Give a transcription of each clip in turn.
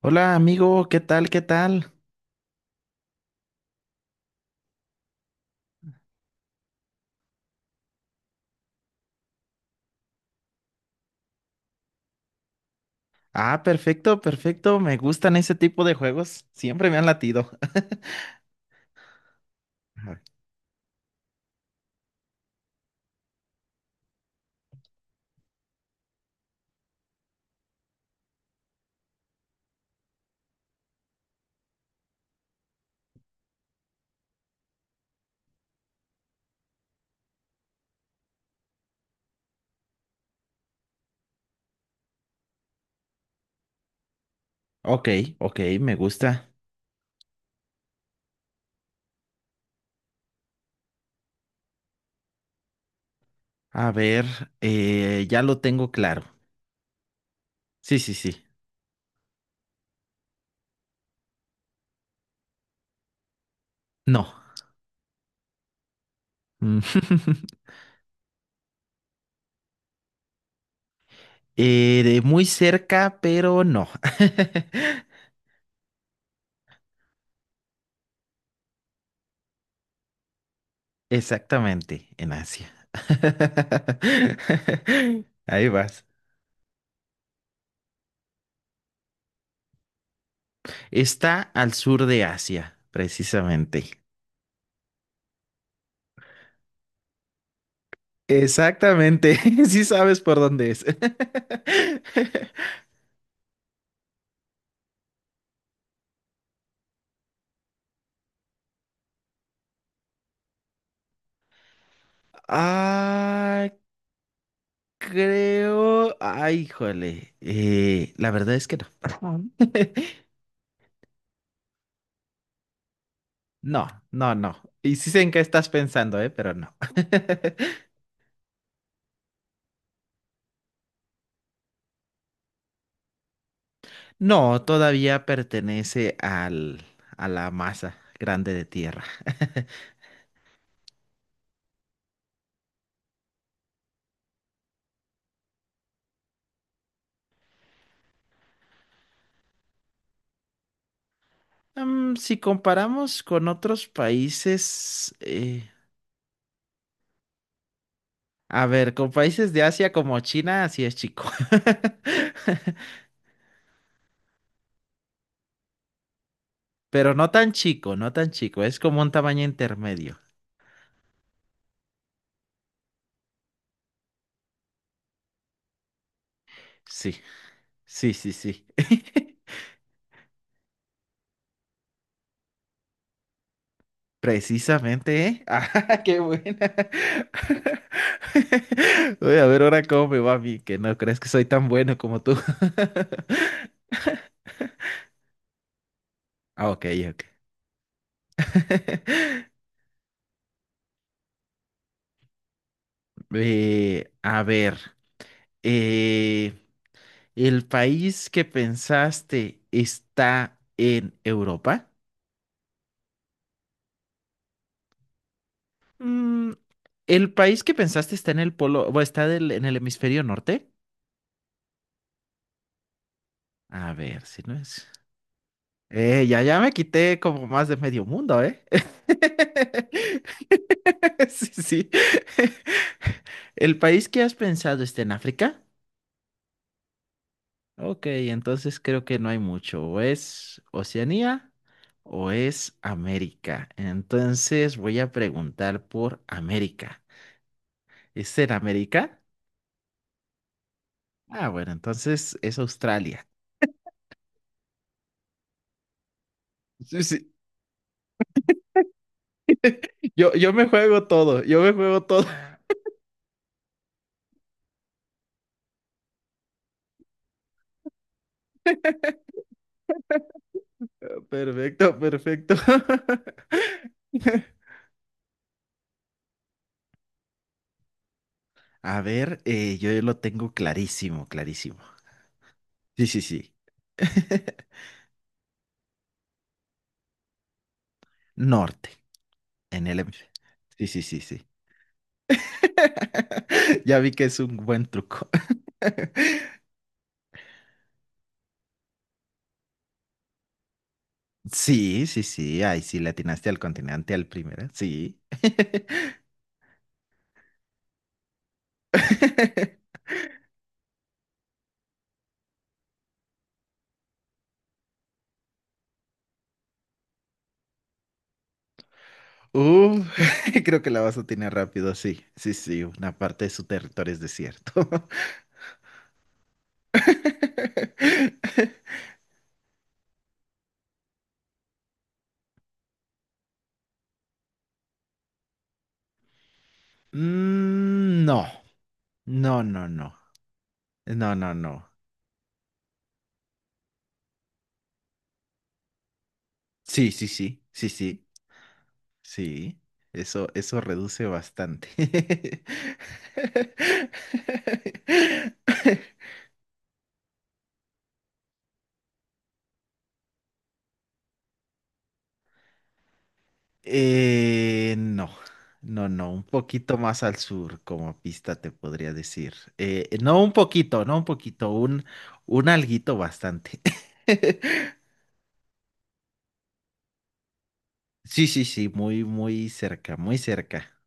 Hola amigo, ¿qué tal? ¿Qué tal? Ah, perfecto, perfecto. Me gustan ese tipo de juegos. Siempre me han latido. Ajá. Ok, ok, me gusta. A ver, ya lo tengo claro. Sí, sí, sí. No. Mm. De muy cerca, pero no. Exactamente, en Asia. Ahí vas. Está al sur de Asia, precisamente. Exactamente, sí sabes por dónde es. Ah, creo. Ay, híjole. Eh, la verdad es que no. No, no, no. Y sí sé en qué estás pensando, ¿eh? Pero no. No, todavía pertenece a la masa grande de tierra. Mm, si comparamos con otros países, a ver, con países de Asia como China, así es chico. Pero no tan chico, no tan chico, es como un tamaño intermedio. Sí, sí, sí, sí. Precisamente, ¿eh? Ah, qué buena. Voy a ver ahora cómo me va a mí, que no crees que soy tan bueno como tú. Ah, ok, ok. A ver, eh, ¿el país que pensaste está en Europa? Mm, ¿el país que pensaste está en el polo, o está en el hemisferio norte? A ver, si no es. Ya me quité como más de medio mundo, ¿eh? Sí, sí. ¿El país que has pensado está en África? Ok, entonces creo que no hay mucho. O es Oceanía o es América. Entonces voy a preguntar por América. ¿Es en América? Ah, bueno, entonces es Australia. Sí, sí. Yo me juego todo, yo me juego todo. Perfecto, perfecto. A ver, yo lo tengo clarísimo, clarísimo. Sí, sí, sí. Norte, en el... Sí, sí, sí, sí. Ya vi que es un buen truco. Sí, sí, sí. Ay, sí, le atinaste al continente, al primero. Sí. Uh, creo que la vas a tener rápido, sí. Sí, sí, una parte de su territorio es desierto. Mm, no, no, no, no. No, no, no. Sí, sí, sí, sí, sí, sí. Eso reduce bastante. No, no, no, un poquito más al sur como pista te podría decir. No un poquito, no un poquito, un alguito bastante. Sí, sí, sí, muy, muy cerca, muy cerca.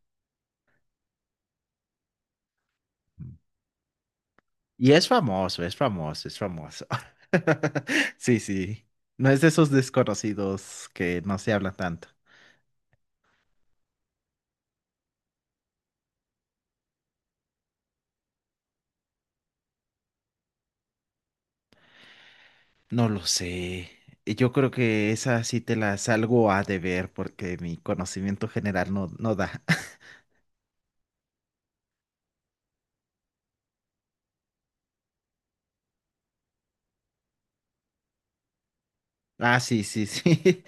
Y es famoso, es famoso, es famoso. Sí, sí. No es de esos desconocidos que no se habla tanto. No lo sé. Yo creo que esa sí te la salgo a deber porque mi conocimiento general no, no da. Ah, sí, sí, sí.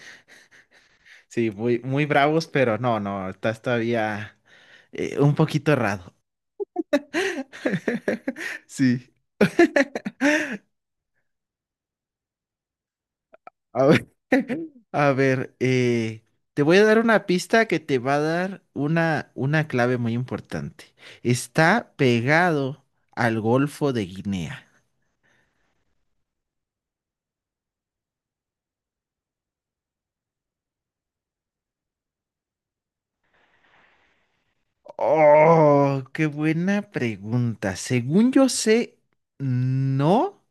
Sí, muy, muy bravos, pero no, no, estás todavía un poquito errado. Sí. A ver, a ver, te voy a dar una pista que te va a dar una clave muy importante. Está pegado al Golfo de Guinea. Oh, qué buena pregunta. Según yo sé, no,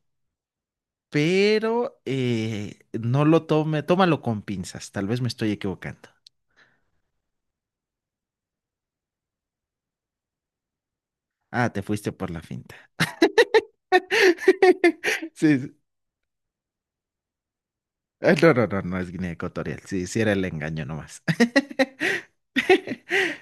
pero no lo tome, tómalo con pinzas. Tal vez me estoy equivocando. Ah, te fuiste por la finta. Sí, sí. Ah, no, no, no, no es Guinea Ecuatorial. Sí, sí era el engaño nomás.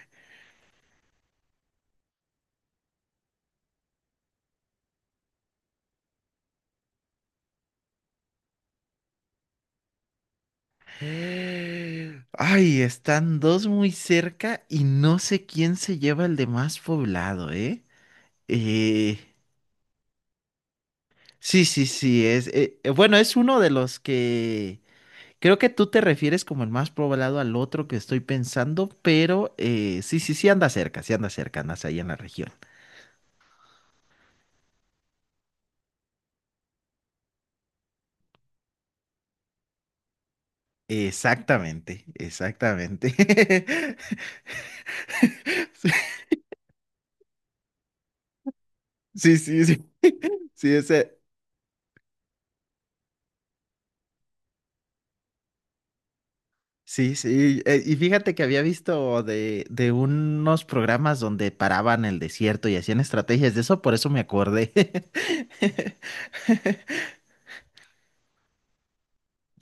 Ay, están dos muy cerca y no sé quién se lleva el de más poblado, ¿eh? Eh, sí, sí, sí, es, bueno, es uno de los que creo que tú te refieres como el más poblado al otro que estoy pensando, pero sí, sí, sí anda cerca, andas ahí en la región. Exactamente, exactamente. Sí, sí, sí, sí, ese. Sí, sí, y fíjate que había visto de unos programas donde paraban el desierto y hacían estrategias de eso, por eso me acordé.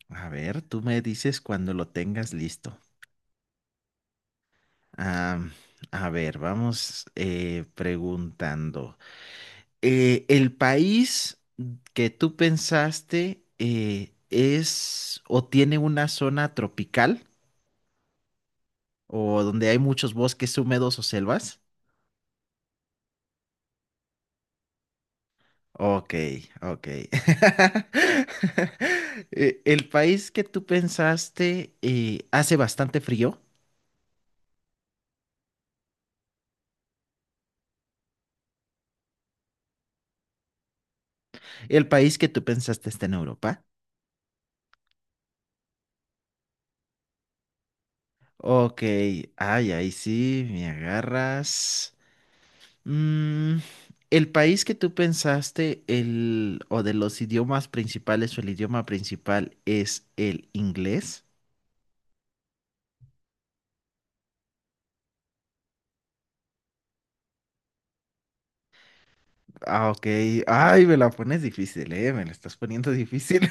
A ver, tú me dices cuando lo tengas listo. Am, a ver, vamos preguntando. ¿El país que tú pensaste es o tiene una zona tropical o donde hay muchos bosques húmedos o selvas? Ok, ok. El país que tú pensaste hace bastante frío. El país que tú pensaste está en Europa. Ok, ay, ahí sí, me agarras. Mm, el país que tú pensaste, el, o de los idiomas principales, o el idioma principal es el inglés. Ah, ok. Ay, me la pones difícil, eh. Me la estás poniendo difícil.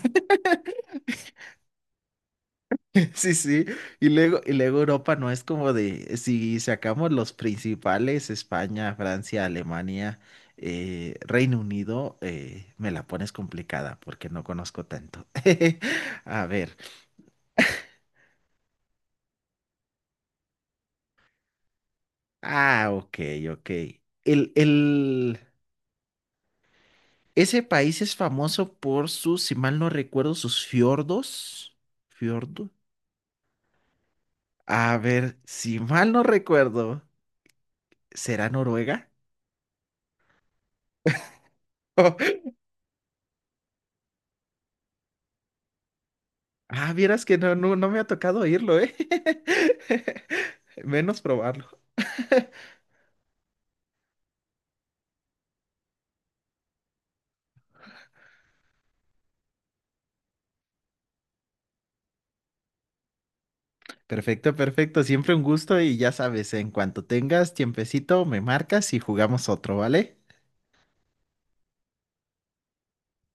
Sí, sí, y luego Europa no es como de, si sacamos los principales, España, Francia, Alemania, Reino Unido, me la pones complicada porque no conozco tanto. A ver, ah, ok, ok. El, el, ese país es famoso por sus, si mal no recuerdo, sus fiordos. ¿Fiordo? A ver, si mal no recuerdo, ¿será Noruega? Ah, vieras que no, no, no me ha tocado oírlo, ¿eh? Menos probarlo. Perfecto, perfecto. Siempre un gusto y ya sabes, en cuanto tengas tiempecito, me marcas y jugamos otro, ¿vale?